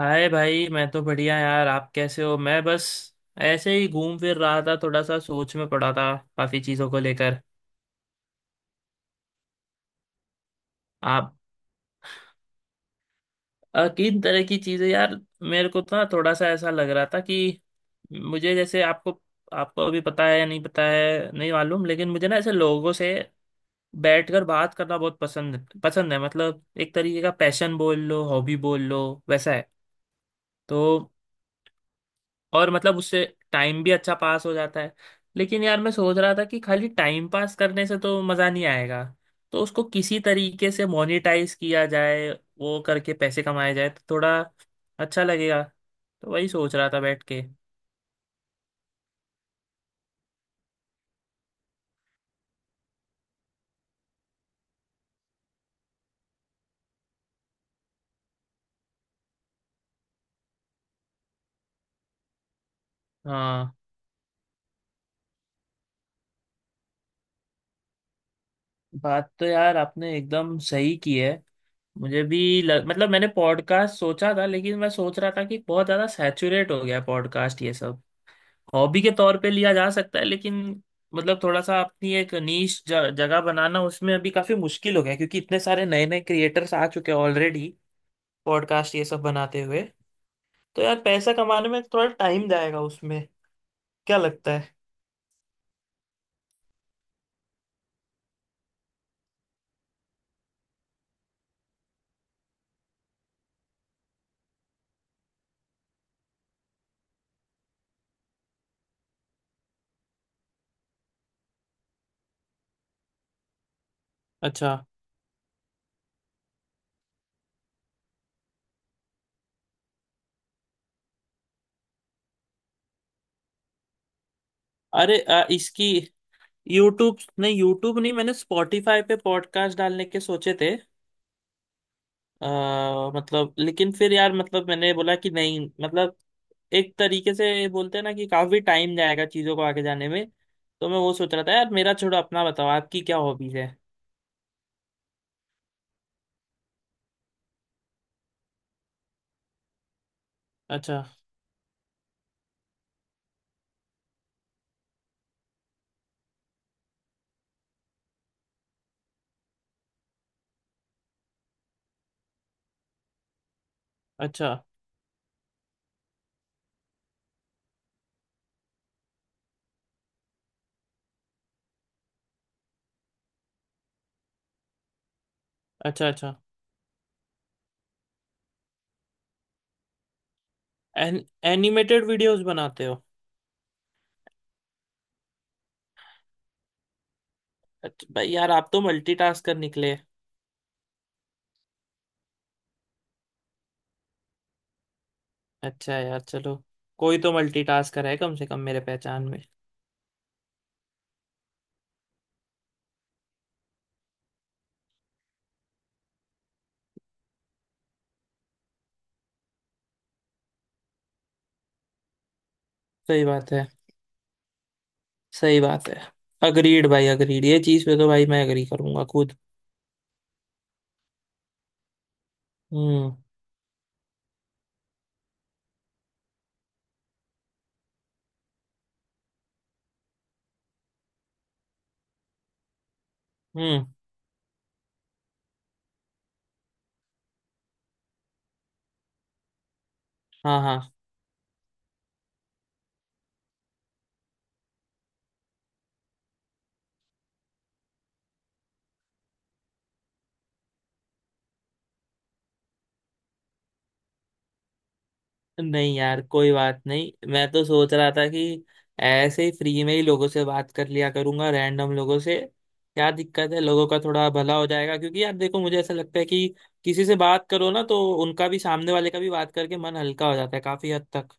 हाय भाई। मैं तो बढ़िया यार, आप कैसे हो। मैं बस ऐसे ही घूम फिर रहा था, थोड़ा सा सोच में पड़ा था काफी चीजों को लेकर। आप? किन तरह की चीजें यार। मेरे को तो ना थोड़ा सा ऐसा लग रहा था कि मुझे जैसे आपको आपको अभी पता है या नहीं पता है नहीं मालूम, लेकिन मुझे ना ऐसे लोगों से बैठकर बात करना बहुत पसंद पसंद है। मतलब एक तरीके का पैशन बोल लो, हॉबी बोल लो, वैसा है। तो और मतलब उससे टाइम भी अच्छा पास हो जाता है। लेकिन यार मैं सोच रहा था कि खाली टाइम पास करने से तो मज़ा नहीं आएगा, तो उसको किसी तरीके से मोनेटाइज किया जाए, वो करके पैसे कमाए जाए तो थोड़ा अच्छा लगेगा। तो वही सोच रहा था बैठ के। हाँ, बात तो यार आपने एकदम सही की है। मतलब मैंने पॉडकास्ट सोचा था, लेकिन मैं सोच रहा था कि बहुत ज़्यादा सैचुरेट हो गया पॉडकास्ट ये सब। हॉबी के तौर पे लिया जा सकता है, लेकिन मतलब थोड़ा सा अपनी एक नीश जगह बनाना उसमें अभी काफी मुश्किल हो गया है, क्योंकि इतने सारे नए नए क्रिएटर्स आ चुके हैं ऑलरेडी पॉडकास्ट ये सब बनाते हुए। तो यार पैसा कमाने में थोड़ा टाइम जाएगा उसमें, क्या लगता है। अच्छा। अरे इसकी यूट्यूब नहीं, मैंने स्पॉटिफाई पे पॉडकास्ट डालने के सोचे थे। मतलब लेकिन फिर यार मतलब मैंने बोला कि नहीं, मतलब एक तरीके से बोलते हैं ना कि काफी टाइम जाएगा चीजों को आगे जाने में। तो मैं वो सोच रहा था। यार मेरा छोड़ो, अपना बताओ, आपकी क्या हॉबीज है। अच्छा अच्छा। अच्छा अच्छा। एन, एनिमेटेड वीडियोस बनाते हो? अच्छा भाई, यार आप तो मल्टीटास्कर निकले। अच्छा यार चलो, कोई तो मल्टीटास्कर है कम से कम मेरे पहचान में। सही बात है, सही बात है। अग्रीड भाई, अग्रीड। ये चीज पे तो भाई मैं अग्री करूंगा खुद। हम्म हम्म। हाँ हाँ। नहीं यार कोई बात नहीं, मैं तो सोच रहा था कि ऐसे ही फ्री में ही लोगों से बात कर लिया करूंगा रैंडम लोगों से। क्या दिक्कत है, लोगों का थोड़ा भला हो जाएगा, क्योंकि यार देखो मुझे ऐसा लगता है कि किसी से बात करो ना तो उनका भी, सामने वाले का भी बात करके मन हल्का हो जाता है काफी हद तक।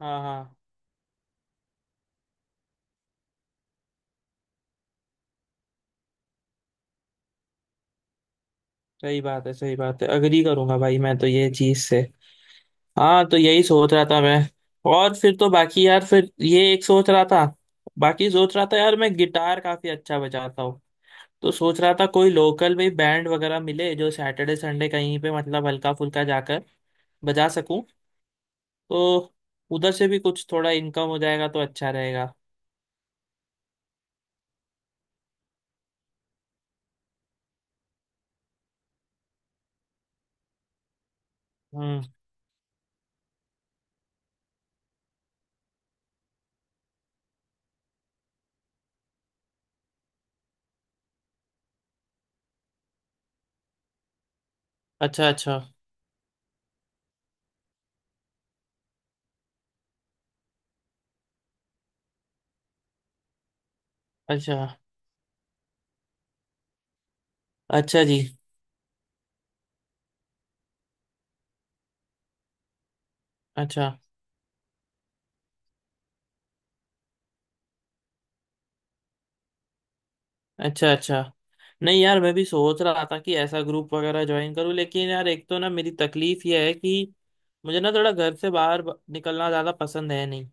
हाँ हाँ। सही बात है, सही बात है। अग्री करूंगा भाई मैं तो ये चीज से। हाँ, तो यही सोच रहा था मैं। और फिर तो बाकी यार फिर ये एक सोच रहा था, बाकी सोच रहा था यार मैं गिटार काफी अच्छा बजाता हूँ। तो सोच रहा था कोई लोकल भी बैंड वगैरह मिले जो सैटरडे संडे कहीं पे मतलब हल्का फुल्का जाकर बजा सकूं। तो उधर से भी कुछ थोड़ा इनकम हो जाएगा तो अच्छा रहेगा। हम्म। अच्छा अच्छा। अच्छा। अच्छा जी। अच्छा अच्छा। अच्छा। नहीं यार, मैं भी सोच रहा था कि ऐसा ग्रुप वगैरह ज्वाइन करूं, लेकिन यार एक तो ना मेरी तकलीफ ये है कि मुझे ना थोड़ा घर से बाहर निकलना ज़्यादा पसंद है नहीं।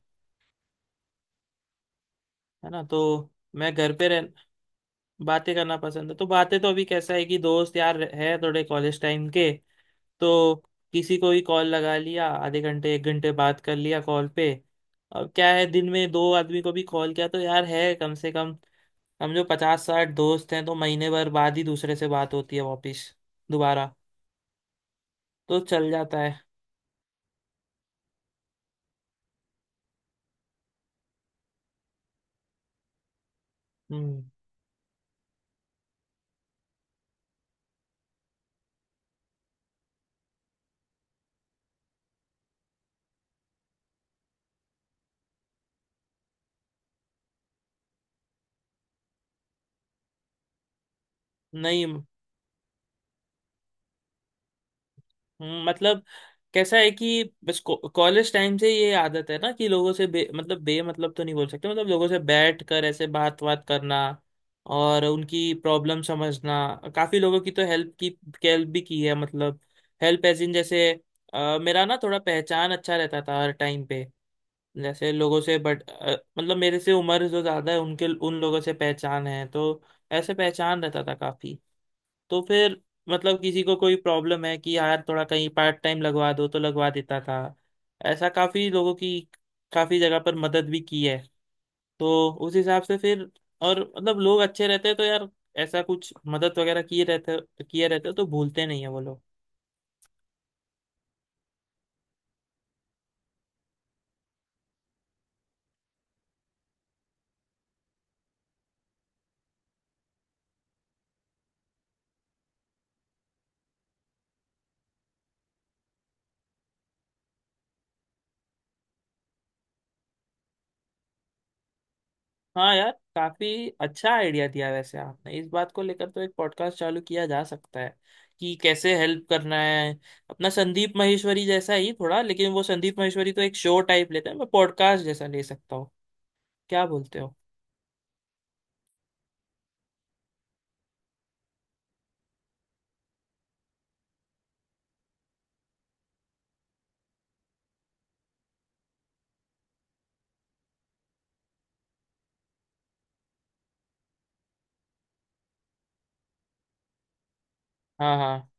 है ना, तो मैं घर पे रह बातें करना पसंद है। तो बातें तो अभी कैसा है कि दोस्त यार है थोड़े कॉलेज टाइम के, तो किसी को भी कॉल लगा लिया, आधे घंटे एक घंटे बात कर लिया कॉल पे। अब क्या है, दिन में दो आदमी को भी कॉल किया तो यार है कम से कम। हम जो पचास साठ दोस्त हैं तो महीने भर बाद ही दूसरे से बात होती है वापिस दोबारा, तो चल जाता है। हम्म। नहीं। मतलब कैसा है कि बस कॉलेज टाइम से ये आदत है ना कि लोगों से बे मतलब तो नहीं बोल सकते, मतलब लोगों से बैठ कर ऐसे बात बात करना और उनकी प्रॉब्लम समझना। काफी लोगों की तो हेल्प की, हेल्प भी की है। मतलब हेल्प एज इन जैसे, मेरा ना थोड़ा पहचान अच्छा रहता था हर टाइम पे जैसे लोगों से, बट मतलब मेरे से उम्र जो ज्यादा है उनके, उन लोगों से पहचान है, तो ऐसे पहचान रहता था काफी। तो फिर मतलब किसी को कोई प्रॉब्लम है कि यार थोड़ा कहीं पार्ट टाइम लगवा दो तो लगवा देता था। ऐसा काफी लोगों की, काफी जगह पर मदद भी की है। तो उस हिसाब से फिर, और मतलब लोग अच्छे रहते हैं तो यार ऐसा कुछ मदद वगैरह किए रहते हैं, तो भूलते नहीं है वो लोग। हाँ यार, काफी अच्छा आइडिया दिया वैसे आपने। इस बात को लेकर तो एक पॉडकास्ट चालू किया जा सकता है कि कैसे हेल्प करना है। अपना संदीप माहेश्वरी जैसा ही थोड़ा, लेकिन वो संदीप माहेश्वरी तो एक शो टाइप लेते हैं, मैं पॉडकास्ट जैसा ले सकता हूँ। क्या बोलते हो? हाँ हाँ।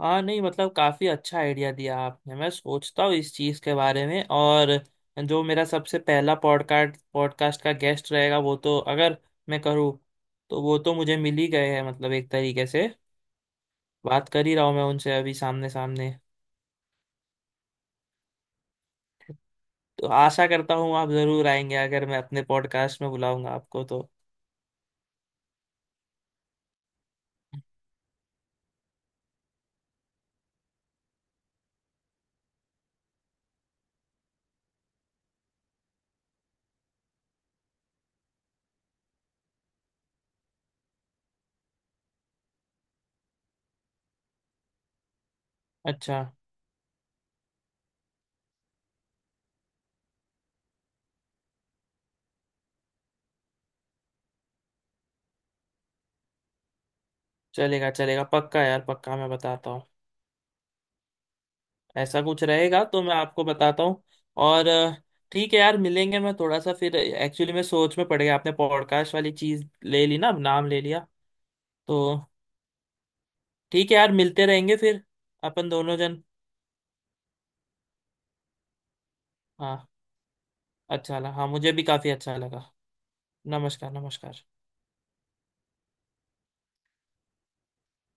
हाँ नहीं, मतलब काफी अच्छा आइडिया दिया आपने। मैं सोचता हूँ इस चीज के बारे में। और जो मेरा सबसे पहला पॉडकास्ट पॉडकास्ट का गेस्ट रहेगा, वो तो अगर मैं करूँ तो वो तो मुझे मिल ही गए हैं, मतलब एक तरीके से बात कर ही रहा हूँ मैं उनसे अभी सामने सामने। तो आशा करता हूँ आप जरूर आएंगे, अगर मैं अपने पॉडकास्ट में बुलाऊंगा आपको तो। अच्छा, चलेगा चलेगा, पक्का यार पक्का, मैं बताता हूँ। ऐसा कुछ रहेगा तो मैं आपको बताता हूँ। और ठीक है यार, मिलेंगे। मैं थोड़ा सा फिर एक्चुअली मैं सोच में पड़ गया, आपने पॉडकास्ट वाली चीज़ ले ली ना, नाम ले लिया तो। ठीक है यार, मिलते रहेंगे फिर अपन दोनों जन। हाँ, अच्छा लगा। हाँ मुझे भी काफ़ी अच्छा लगा। नमस्कार नमस्कार।